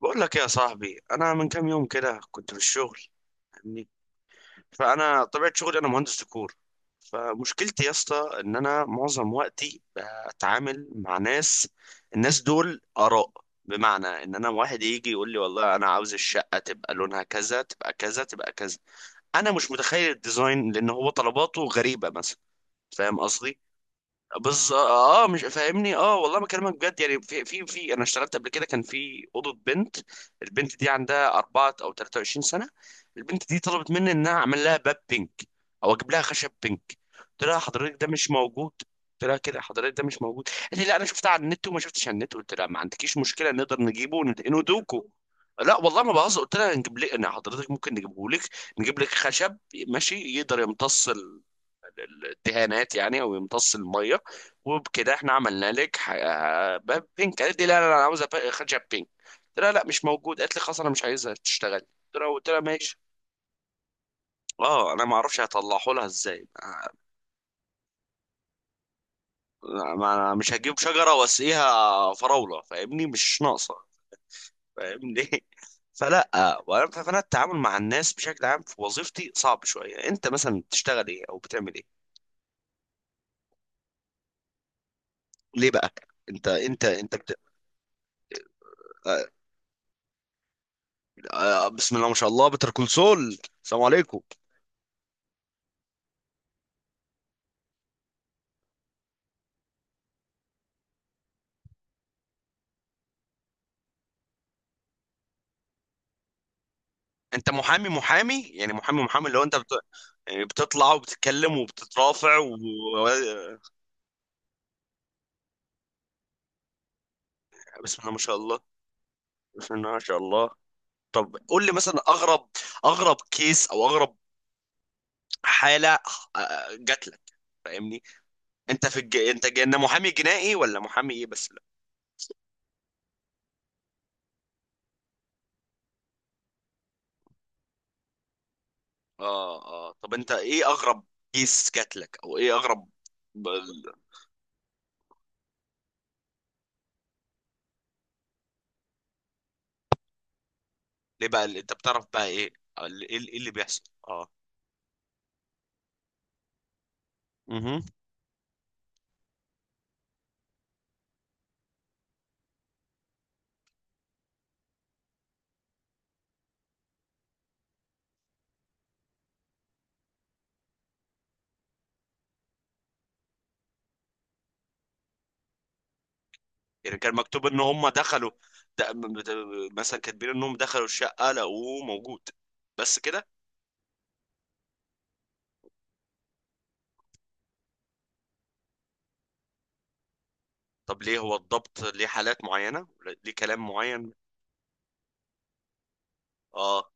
بقول لك إيه يا صاحبي، انا من كام يوم كده كنت في الشغل. فاهمني؟ فانا طبيعه شغلي انا مهندس ديكور. فمشكلتي يا اسطى ان انا معظم وقتي بتعامل مع ناس. الناس دول اراء، بمعنى ان انا واحد يجي يقول لي والله انا عاوز الشقه تبقى لونها كذا، تبقى كذا، تبقى كذا. انا مش متخيل الديزاين لان هو طلباته غريبه مثلا. فاهم قصدي؟ بز مش فاهمني؟ اه والله بكلمك بجد، يعني في في في انا اشتغلت قبل كده، كان في اوضه بنت. البنت دي عندها اربعة او 23 سنه. البنت دي طلبت مني ان انا اعمل لها باب بينك، او اجيب لها خشب بينك. قلت لها حضرتك ده مش موجود. قلت لها كده حضرتك ده مش موجود، قالت لي لا انا شفتها على النت، وما شفتش على النت. قلت لها ما عندكيش مشكله، نقدر نجيبه وندهنه دوكو. لا والله ما بهزر، قلت لها نجيب لك، انا حضرتك ممكن نجيبه لك، نجيب لك خشب ماشي يقدر يمتص الدهانات يعني، او يمتص الميه، وبكده احنا عملنا لك باب بينك. قالت لي لا لا لا، انا عاوزه خدشه بينك. قلت لها لا مش موجود، قالت لي خلاص انا مش عايزها تشتغل. قلت لها ماشي. اه انا ما اعرفش هطلعه لها ازاي. انا مش هجيب شجره واسقيها فراوله، فاهمني؟ مش ناقصه. فاهمني؟ فلا. فانا التعامل مع الناس بشكل عام في وظيفتي صعب شويه. انت مثلا بتشتغل ايه او بتعمل ايه؟ ليه بقى؟ انت بت... آه، بسم الله ما شاء الله، بتر كول سول. السلام عليكم. انت محامي محامي، يعني محامي محامي، اللي هو انت بت... يعني بتطلع وبتتكلم وبتترافع و... بسم الله ما شاء الله. بسم الله ما شاء الله. طب قول لي مثلا اغرب، اغرب كيس او اغرب حالة آه، جات لك. فاهمني؟ انت في الج... انت ج... انت محامي جنائي ولا محامي ايه؟ بس لا. اه اه، طب انت ايه اغرب كيس جات لك، او ايه اغرب ب-؟ ليه بقى؟ اللي انت بتعرف بقى ايه؟ ايه اللي إيه اللي بيحصل؟ اه. يعني كان مكتوب ان هم دخلوا، ده- م- ده- مثلا كاتبين انهم دخلوا الشقه لقوه موجود، بس كده؟ طب ليه هو الضبط ليه حالات معينه؟ ليه كلام معين؟ اه.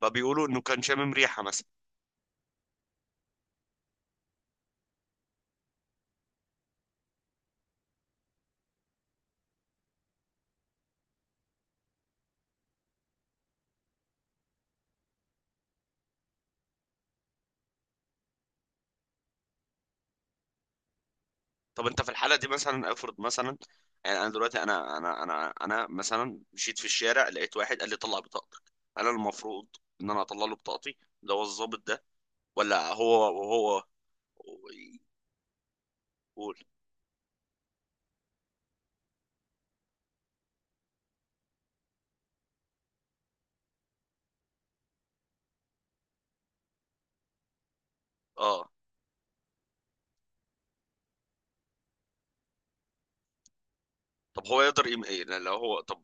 فبيقولوا انه كان شامم ريحه مثلا. طب انت في الحاله دي مثلا، افرض مثلا، يعني انا دلوقتي انا مثلا مشيت في الشارع، لقيت واحد قال لي طلع بطاقتك. انا المفروض ان انا اطلع له بطاقتي؟ ده هو الضابط ده، ولا هو هو يقول اه؟ طب هو يقدر يم... إيه لو هو؟ طب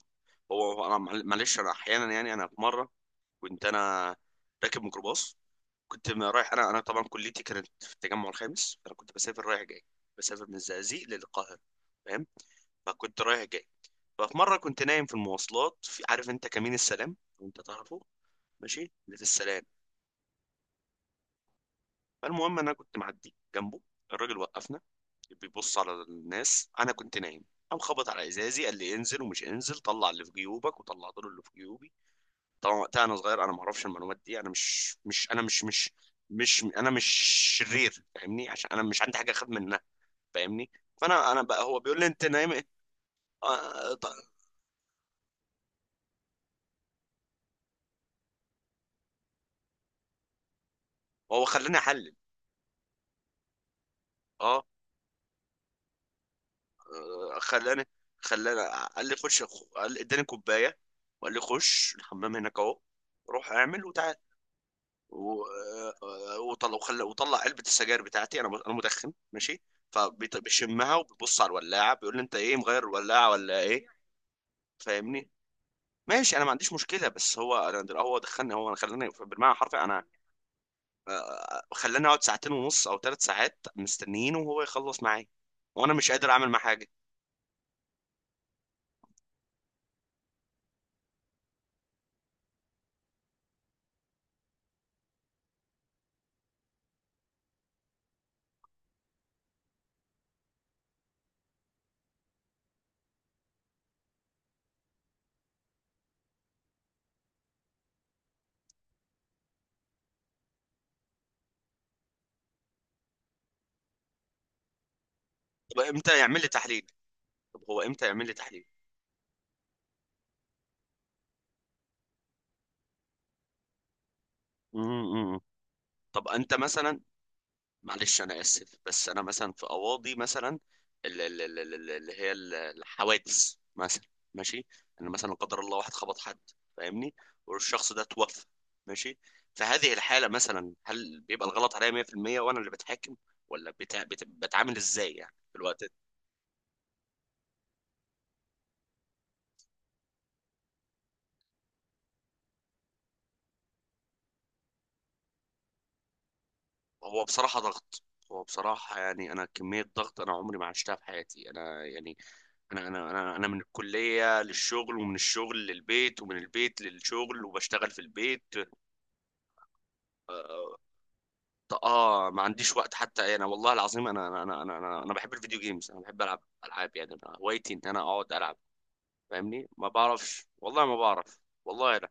هو هو انا معلش، انا احيانا يعني انا في مره كنت انا راكب ميكروباص، كنت رايح، انا انا طبعا كليتي كانت في التجمع الخامس، فانا كنت بسافر رايح جاي، بسافر من الزقازيق للقاهره. فاهم؟ فكنت رايح جاي. ففي مره كنت نايم في المواصلات، في عارف انت كمين السلام؟ وانت تعرفه، ماشي، اللي في السلام. فالمهم انا كنت معدي جنبه الراجل، وقفنا، بيبص على الناس، انا كنت نايم. قام خبط على ازازي، قال لي انزل، ومش انزل، طلع اللي في جيوبك، وطلعت له اللي في جيوبي. طبعا وقتها انا صغير، انا ما اعرفش المعلومات دي. انا مش مش انا مش مش مش انا مش شرير، فاهمني؟ عشان انا مش عندي حاجه اخد منها، فاهمني؟ فانا بقى هو بيقول لي انت نايم ايه. آه طيب. هو خلاني احلل، اه. آه، خلاني قال لي خش، قال لي اداني كوبايه وقال لي خش الحمام هناك اهو، روح اعمل وتعال. و- وطلع وخلى، وطلع علبه السجاير بتاعتي، انا انا مدخن ماشي، فبيشمها وبيبص على الولاعه، بيقول لي انت ايه مغير الولاعه ولا ايه. فاهمني؟ ماشي انا ما عنديش مشكله، بس هو هو دخلني، هو انا خلاني بالمعنى الحرفي، انا آه، خلاني اقعد ساعتين ونص او ثلاث ساعات مستنيين وهو يخلص معايا، وانا مش قادر اعمل معاه حاجه. طب امتى يعمل لي تحليل؟ طب هو امتى يعمل لي تحليل؟ مم، مم. طب انت مثلا، معلش انا اسف، بس انا مثلا في اواضي مثلا، اللي هي الحوادث مثلا، ماشي. انا مثلا لا قدر الله واحد خبط حد، فاهمني؟ والشخص ده توفى، ماشي. في هذه الحالة مثلا، هل بيبقى الغلط عليا 100%؟ وانا اللي بتحاكم، ولا بتا... بت... بتعامل ازاي يعني في الوقت ده؟ هو بصراحة ضغط. هو بصراحة يعني أنا كمية ضغط أنا عمري ما عشتها في حياتي. أنا يعني أنا من الكلية للشغل، ومن الشغل للبيت، ومن البيت للشغل، وبشتغل في البيت. اه. آه، ما عنديش وقت حتى. انا والله العظيم انا انا انا انا, أنا أنا بحب الفيديو جيمز، انا بحب العب العاب، يعني أنا هوايتي ان انا اقعد العب. فاهمني؟ ما بعرفش، والله ما بعرف، والله لا،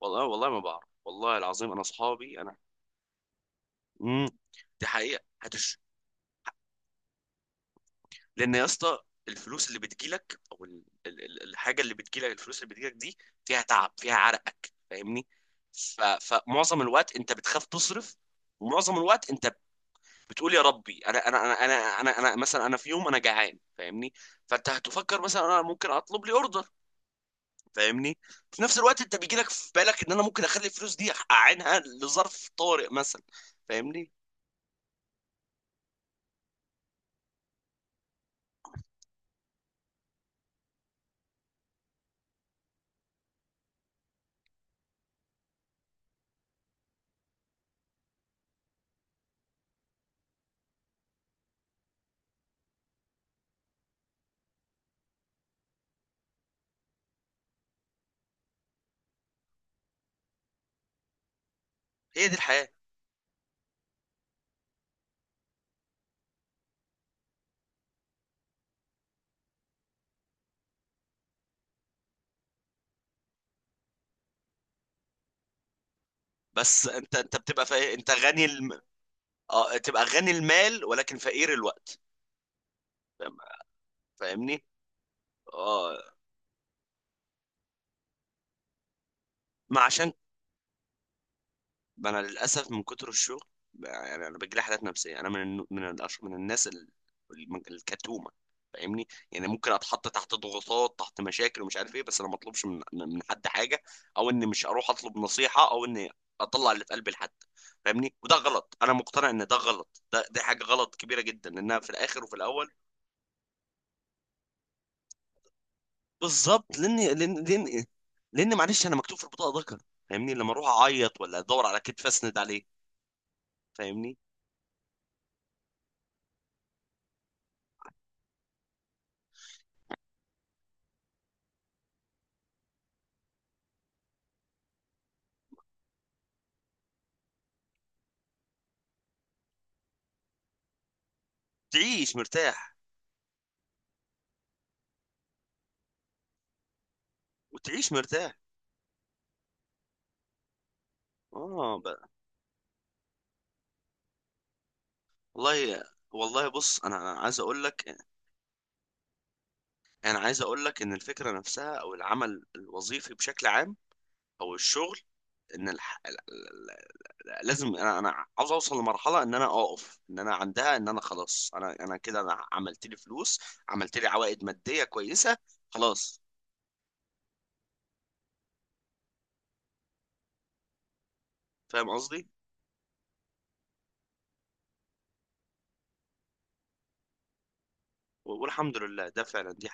والله والله ما بعرف، والله العظيم. انا اصحابي انا. امم. دي حقيقة هتش. لان يا اسطى الفلوس اللي بتجيلك، او الحاجة اللي بتجيلك، الفلوس اللي بتجيلك دي فيها تعب، فيها عرقك، فاهمني؟ فمعظم الوقت انت بتخاف تصرف، ومعظم الوقت انت بتقول يا ربي، انا مثلا انا في يوم انا جعان، فاهمني؟ فانت هتفكر مثلا انا ممكن اطلب لي اوردر. فاهمني؟ في نفس الوقت انت بيجي لك في بالك ان انا ممكن اخلي الفلوس دي اعينها لظرف طارئ مثلا. فاهمني؟ هي دي الحياة. بس انت انت بتبقى فا... انت غني الم... اه، تبقى غني المال ولكن فقير الوقت. فاهم-؟ فاهمني؟ اه. ما عشان، ما انا للاسف من كتر الشغل يعني انا بجيلي حالات نفسيه. انا من من الأش... من الناس ال... الكتومه، فاهمني؟ يعني ممكن اتحط تحت ضغوطات، تحت مشاكل ومش عارف ايه، بس انا ما اطلبش من حد حاجه، او اني مش اروح اطلب نصيحه، او اني اطلع اللي في قلبي لحد. فاهمني؟ وده غلط، انا مقتنع ان ده غلط، ده دي حاجه غلط كبيره جدا، لانها في الاخر وفي الاول. بالظبط. لان لان معلش انا مكتوب في البطاقه ذكر، فاهمني؟ لما اروح اعيط، ولا ادور على كتف اسند عليه. فاهمني؟ تعيش مرتاح، وتعيش مرتاح. اه بقى. والله والله بص، انا عايز اقول لك، انا عايز اقول لك ان الفكره نفسها، او العمل الوظيفي بشكل عام، او الشغل، ان الح... لازم انا، عاوز اوصل لمرحله ان انا اقف ان انا عندها، ان انا خلاص انا انا كده، انا عملت لي فلوس، عملت لي عوائد ماديه كويسه، خلاص. فاهم قصدي؟ والحمد لله ده فعلا دي